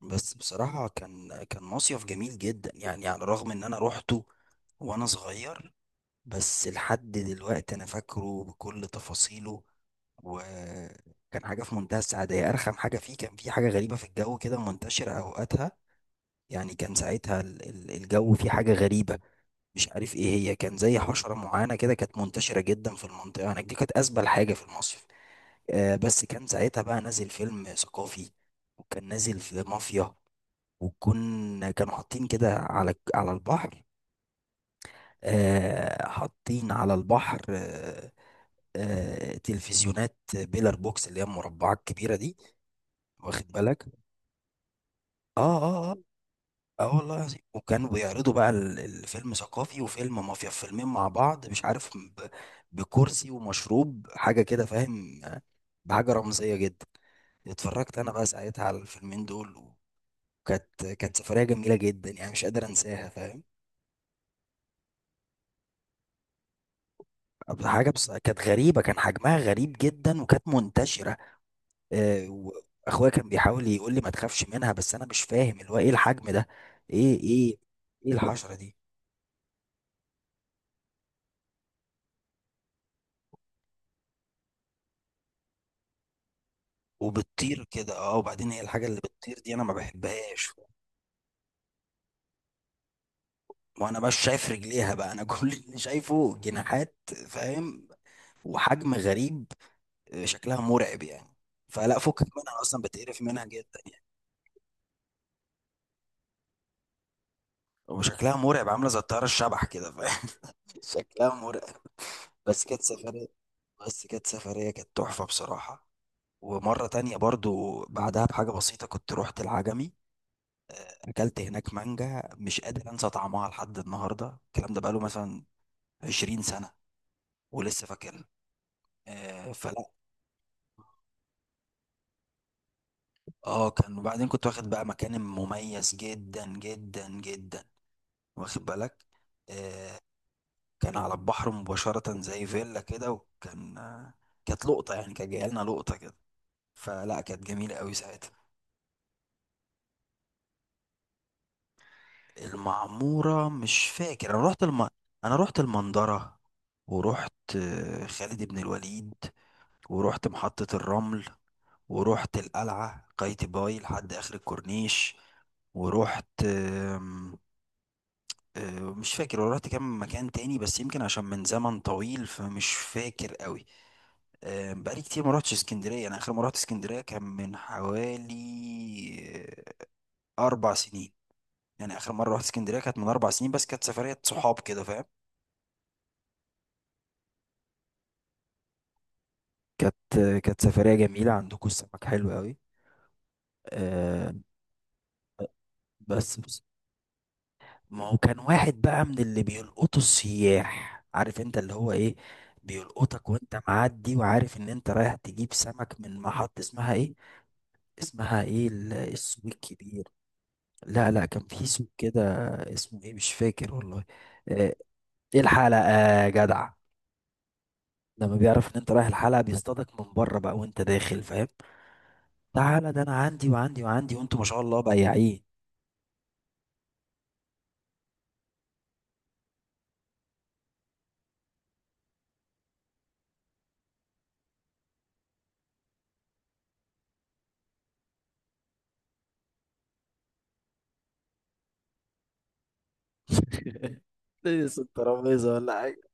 بس بصراحة كان مصيف جميل جدا، يعني على الرغم ان انا روحته وانا صغير. بس لحد دلوقتي انا فاكره بكل تفاصيله، وكان حاجة في منتهى السعادة. هي ارخم حاجة فيه كان في حاجة غريبة في الجو كده منتشرة اوقاتها. يعني كان ساعتها الجو فيه حاجة غريبة، مش عارف ايه هي. كان زي حشرة معينة كده كانت منتشرة جدا في المنطقة هناك دي، كانت ازبل حاجة في المصيف. بس كان ساعتها بقى نازل فيلم ثقافي، وكان نازل في مافيا، وكنا كانوا حاطين كده على البحر. آه، حاطين على البحر، آه. آه، تلفزيونات بيلر بوكس، اللي هي المربعات الكبيرة دي. واخد بالك؟ اه، اه، اه. اه والله العظيم، وكانوا بيعرضوا بقى الفيلم ثقافي وفيلم مافيا، فيلمين مع بعض، مش عارف بكرسي ومشروب حاجة كده، فاهم؟ بحاجة رمزية جدا. اتفرجت انا بقى ساعتها على الفيلمين دول. وكانت سفرية جميلة جدا يعني، مش قادر انساها، فاهم؟ حاجة بس كانت غريبة، كان حجمها غريب جدا وكانت منتشرة. وأخويا كان بيحاول يقول لي ما تخافش منها، بس أنا مش فاهم اللي هو إيه الحجم ده. إيه إيه الحشرة دي؟ وبتطير كده، أه. وبعدين هي الحاجة اللي بتطير دي أنا ما بحبهاش. وأنا مش شايف رجليها بقى أنا كل اللي شايفه جناحات، فاهم؟ وحجم غريب. شكلها مرعب يعني، فلا فكك منها أصلا، بتقرف منها جدا يعني. وشكلها مرعب، عاملة زي الطيارة الشبح كده، فاهم؟ شكلها مرعب. بس كانت سفرية، بس كانت سفرية كانت تحفة بصراحة. ومرة تانية برضو بعدها بحاجة بسيطة، كنت رحت العجمي. أكلت هناك مانجا مش قادر أنسى طعمها لحد النهاردة. الكلام ده بقاله مثلا 20 سنة ولسه فاكرها. آه، فلا. اه كان، وبعدين كنت واخد بقى مكان مميز جدا جدا جدا. واخد بالك؟ آه. كان على البحر مباشرة زي فيلا كده، وكان آه، كانت لقطة يعني، كان جايلنا لقطة كده. فلا كانت جميلة قوي ساعتها. المعمورة مش فاكر انا رحت انا رحت المنظرة. ورحت خالد بن الوليد، ورحت محطة الرمل، ورحت القلعة قايتباي لحد اخر الكورنيش. ورحت مش فاكر. ورحت كام مكان تاني بس يمكن عشان من زمن طويل فمش فاكر قوي. بقالي كتير ما رحتش اسكندرية. انا اخر مرة رحت اسكندرية كان من حوالي اربع سنين. يعني اخر مرة رحت اسكندرية كانت من اربع سنين، بس كانت سفرية صحاب كده، فاهم؟ كانت، كانت سفرية جميلة. عندكم السمك حلو قوي، آه. بس ما هو كان واحد بقى من اللي بيلقطوا السياح، عارف انت اللي هو ايه. بيلقطك وانت معدي، وعارف ان انت رايح تجيب سمك من محط اسمها ايه، اسمها ايه السوق الكبير. لا لا، كان في سوق كده اسمه ايه مش فاكر والله. آه، ايه الحلقة يا جدع. لما بيعرف ان انت رايح الحلقة، بيصطادك من بره بقى وانت داخل، فاهم؟ تعالى ده انا عندي وعندي وعندي، وانتوا ما شاء الله بياعين. تنس الترابيزة ولا حاجة.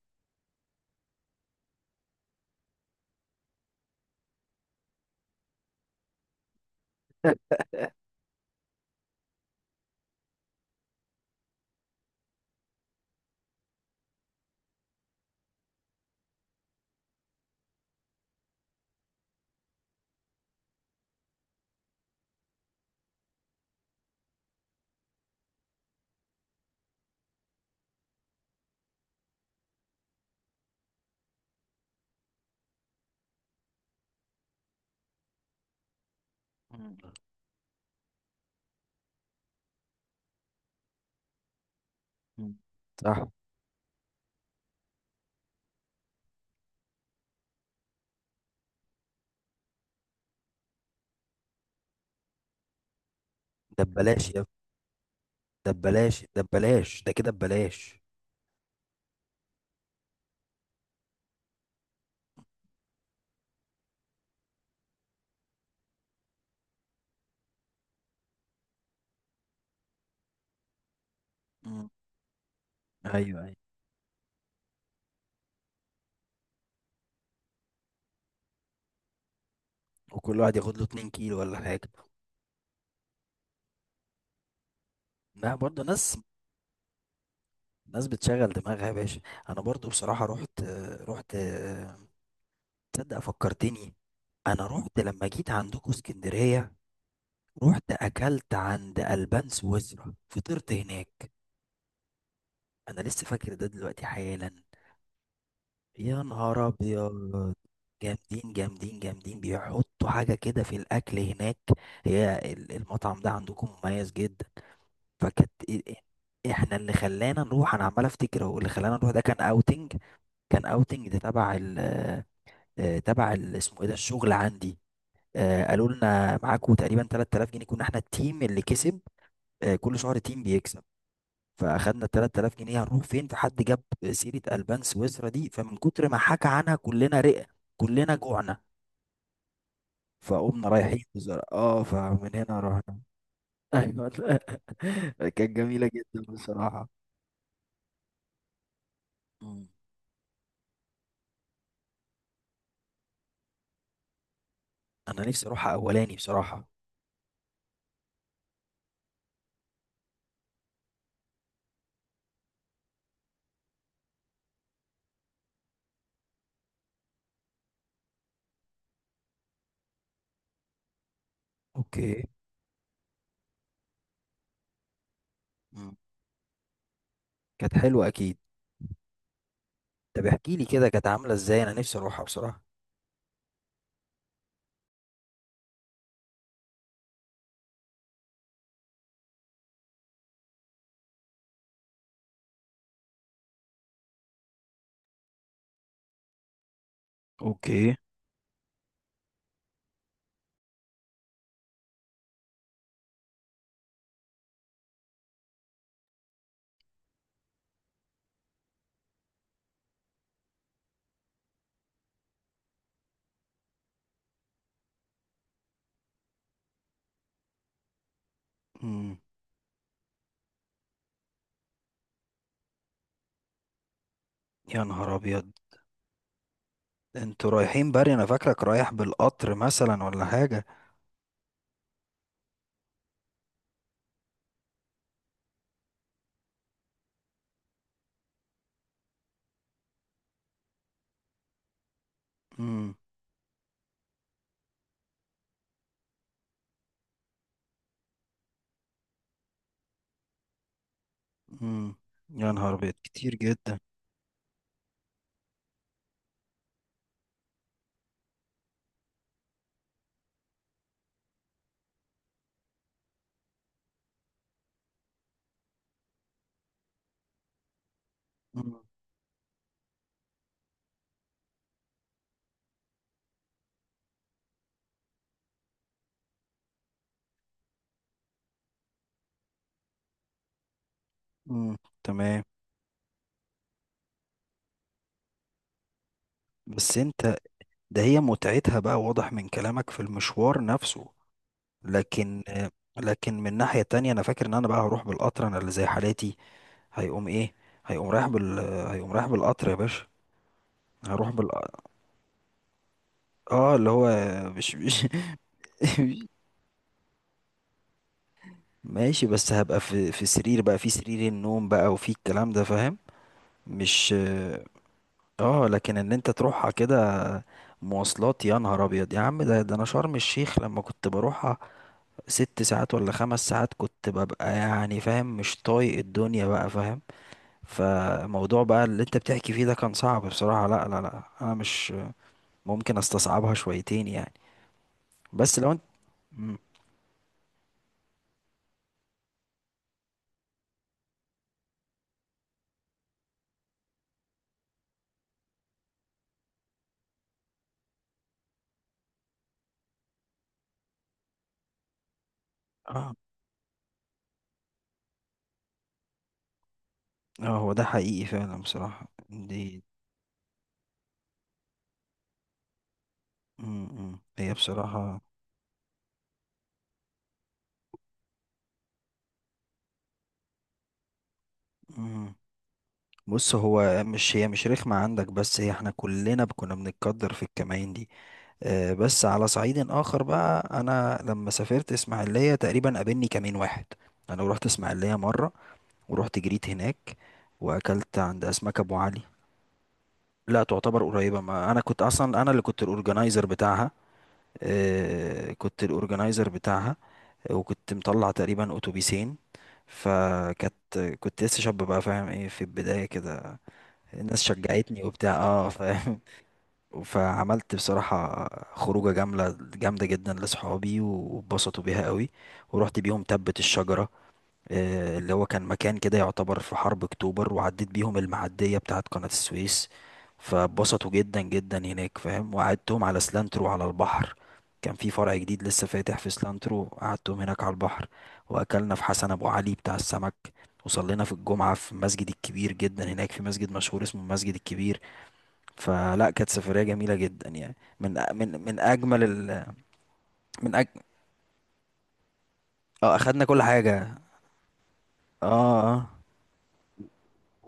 مم. مم. صح. ده ببلاش يا ابني. ده ببلاش، ده ببلاش، ده كده ببلاش. مم. ايوه، ايوه، وكل واحد ياخد له 2 كيلو ولا حاجة. ما برضه ناس، ناس بتشغل دماغها يا باشا. انا برضه بصراحة رحت، رحت، تصدق فكرتني. انا رحت لما جيت عندكم اسكندرية، رحت اكلت عند البان سويسرا، فطرت هناك. انا لسه فاكر ده دلوقتي حالا. يا نهار ابيض، جامدين جامدين جامدين، بيحطوا حاجه كده في الاكل هناك. هي المطعم ده عندكم مميز جدا. فكانت احنا اللي خلانا نروح، انا عمال افتكر هو اللي خلانا نروح، ده كان اوتنج. كان اوتنج ده تبع ال، تبع اسمه ايه ده، الشغل عندي. قالوا لنا معاكم تقريبا 3000 جنيه، كنا احنا التيم اللي كسب. كل شهر تيم بيكسب. فاخدنا 3000 جنيه، هنروح فين؟ فحد جاب سيره البان سويسرا دي، فمن كتر ما حكى عنها كلنا رقة، كلنا جوعنا. فقمنا رايحين اه فمن هنا رحنا. ايوه لا. كانت جميله جدا بصراحه. مم. انا نفسي اروحها اولاني بصراحه. اوكي. مم. كانت حلوه اكيد. طب احكي لي كده كانت عامله ازاي، انا نفسي اروحها بصراحه. اوكي. مم. يا نهار ابيض. انتوا رايحين بري؟ انا فاكرك رايح بالقطر مثلا ولا حاجه. مم. امم. يا نهار ابيض كتير جدا. مم. مم. تمام. بس انت. ده هي متعتها بقى واضح من كلامك في المشوار نفسه، لكن لكن من ناحية تانية انا فاكر ان انا بقى هروح بالقطر، انا اللي زي حالاتي هيقوم ايه، هيقوم رايح بال آه، هيقوم رايح بالقطر يا باشا. هروح بال اه، اللي هو مش ماشي، بس هبقى في سرير بقى، في سرير النوم بقى وفي الكلام ده، فاهم؟ مش اه. لكن ان انت تروحها كده مواصلات يا نهار ابيض يا عم. ده ده انا شرم الشيخ لما كنت بروحها ست ساعات ولا خمس ساعات، كنت ببقى يعني فاهم، مش طايق الدنيا بقى، فاهم؟ فموضوع بقى اللي انت بتحكي فيه ده كان صعب بصراحة. لا لا لا، انا مش ممكن استصعبها شويتين يعني، بس لو انت. مم. اه، اه، هو ده حقيقي فعلا بصراحة دي. مم، مم. هي بصراحة. مم. بص هو مش، هي مش رخمة عندك بس، هي احنا كلنا كنا بنتقدر في الكمائن دي. بس على صعيد آخر بقى أنا لما سافرت إسماعيلية تقريبا قابلني كمين واحد. أنا رحت إسماعيلية مرة، ورحت جريت هناك، وأكلت عند أسماك أبو علي. لا، تعتبر قريبة. ما أنا كنت أصلا أنا اللي كنت الأورجنايزر بتاعها. كنت الأورجنايزر بتاعها. وكنت مطلع تقريبا أتوبيسين. فكانت، كنت لسه شاب بقى، فاهم ايه، في البداية كده. الناس شجعتني وبتاع، اه، فاهم؟ فعملت بصراحة خروجة جاملة جامدة جدا لصحابي، واتبسطوا بيها قوي. ورحت بيهم تبت الشجرة، اللي هو كان مكان كده يعتبر في حرب اكتوبر، وعديت بيهم المعدية بتاعت قناة السويس. فاتبسطوا جدا جدا هناك، فاهم؟ وقعدتهم على سلانترو على البحر، كان في فرع جديد لسه فاتح في سلانترو، قعدتهم هناك على البحر. واكلنا في حسن ابو علي بتاع السمك، وصلينا في الجمعة في المسجد الكبير جدا هناك، في مسجد مشهور اسمه المسجد الكبير. فلا كانت سفرية جميلة جدا يعني، من اجمل ال، من أج... اه اخدنا كل حاجة. اه، اه،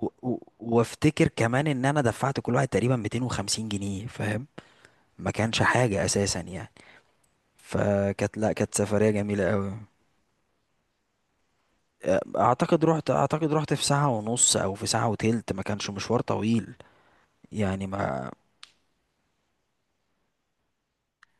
وافتكر كمان ان انا دفعت كل واحد تقريبا 250 جنيه، فاهم؟ ما كانش حاجة اساسا يعني. فكانت، لا كانت سفرية جميلة قوي. اعتقد رحت، اعتقد رحت في ساعة ونص او في ساعة وتلت، ما كانش مشوار طويل يعني، ما.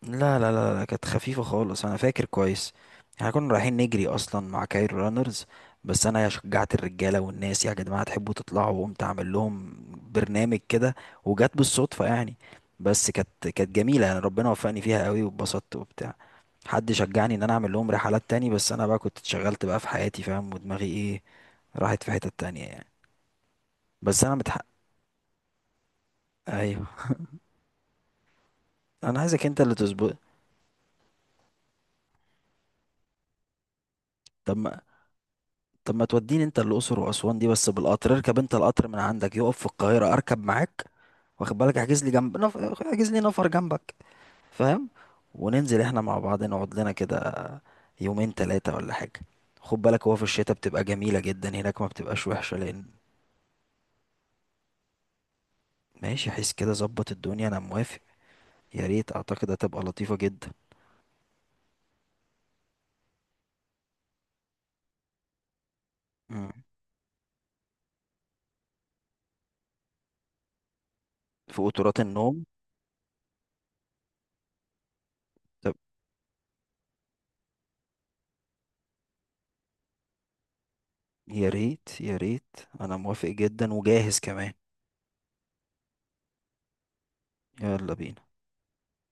لا لا لا لا، كانت خفيفة خالص أنا فاكر كويس. احنا كنا رايحين نجري أصلا مع كايرو رانرز، بس أنا شجعت الرجالة والناس، يا جماعة تحبوا تطلعوا، وقمت أعمل لهم برنامج كده. وجت بالصدفة يعني، بس كانت، كانت جميلة يعني، ربنا وفقني فيها قوي واتبسطت وبتاع. حد شجعني إن أنا أعمل لهم رحلات تاني، بس أنا بقى كنت اتشغلت بقى في حياتي، فاهم؟ ودماغي إيه راحت في حتة تانية يعني. بس أنا متحقق. أيوه. أنا عايزك أنت اللي تظبط. طب، ما توديني انت الاقصر واسوان دي بس بالقطر. اركب انت القطر من عندك، يقف في القاهره اركب معاك، واخد بالك؟ احجز لي جنب احجز لي نفر جنبك، فاهم؟ وننزل احنا مع بعض، نقعد لنا كده يومين ثلاثه ولا حاجه. خد بالك هو في الشتاء بتبقى جميله جدا هناك، ما بتبقاش وحشه. لان ماشي حس كده، ظبط الدنيا، انا موافق. يا ريت، اعتقد هتبقى لطيفه جدا. مم. في قطورات النوم. طب يا ريت، يا ريت، انا موافق جدا وجاهز كمان. يلا بينا.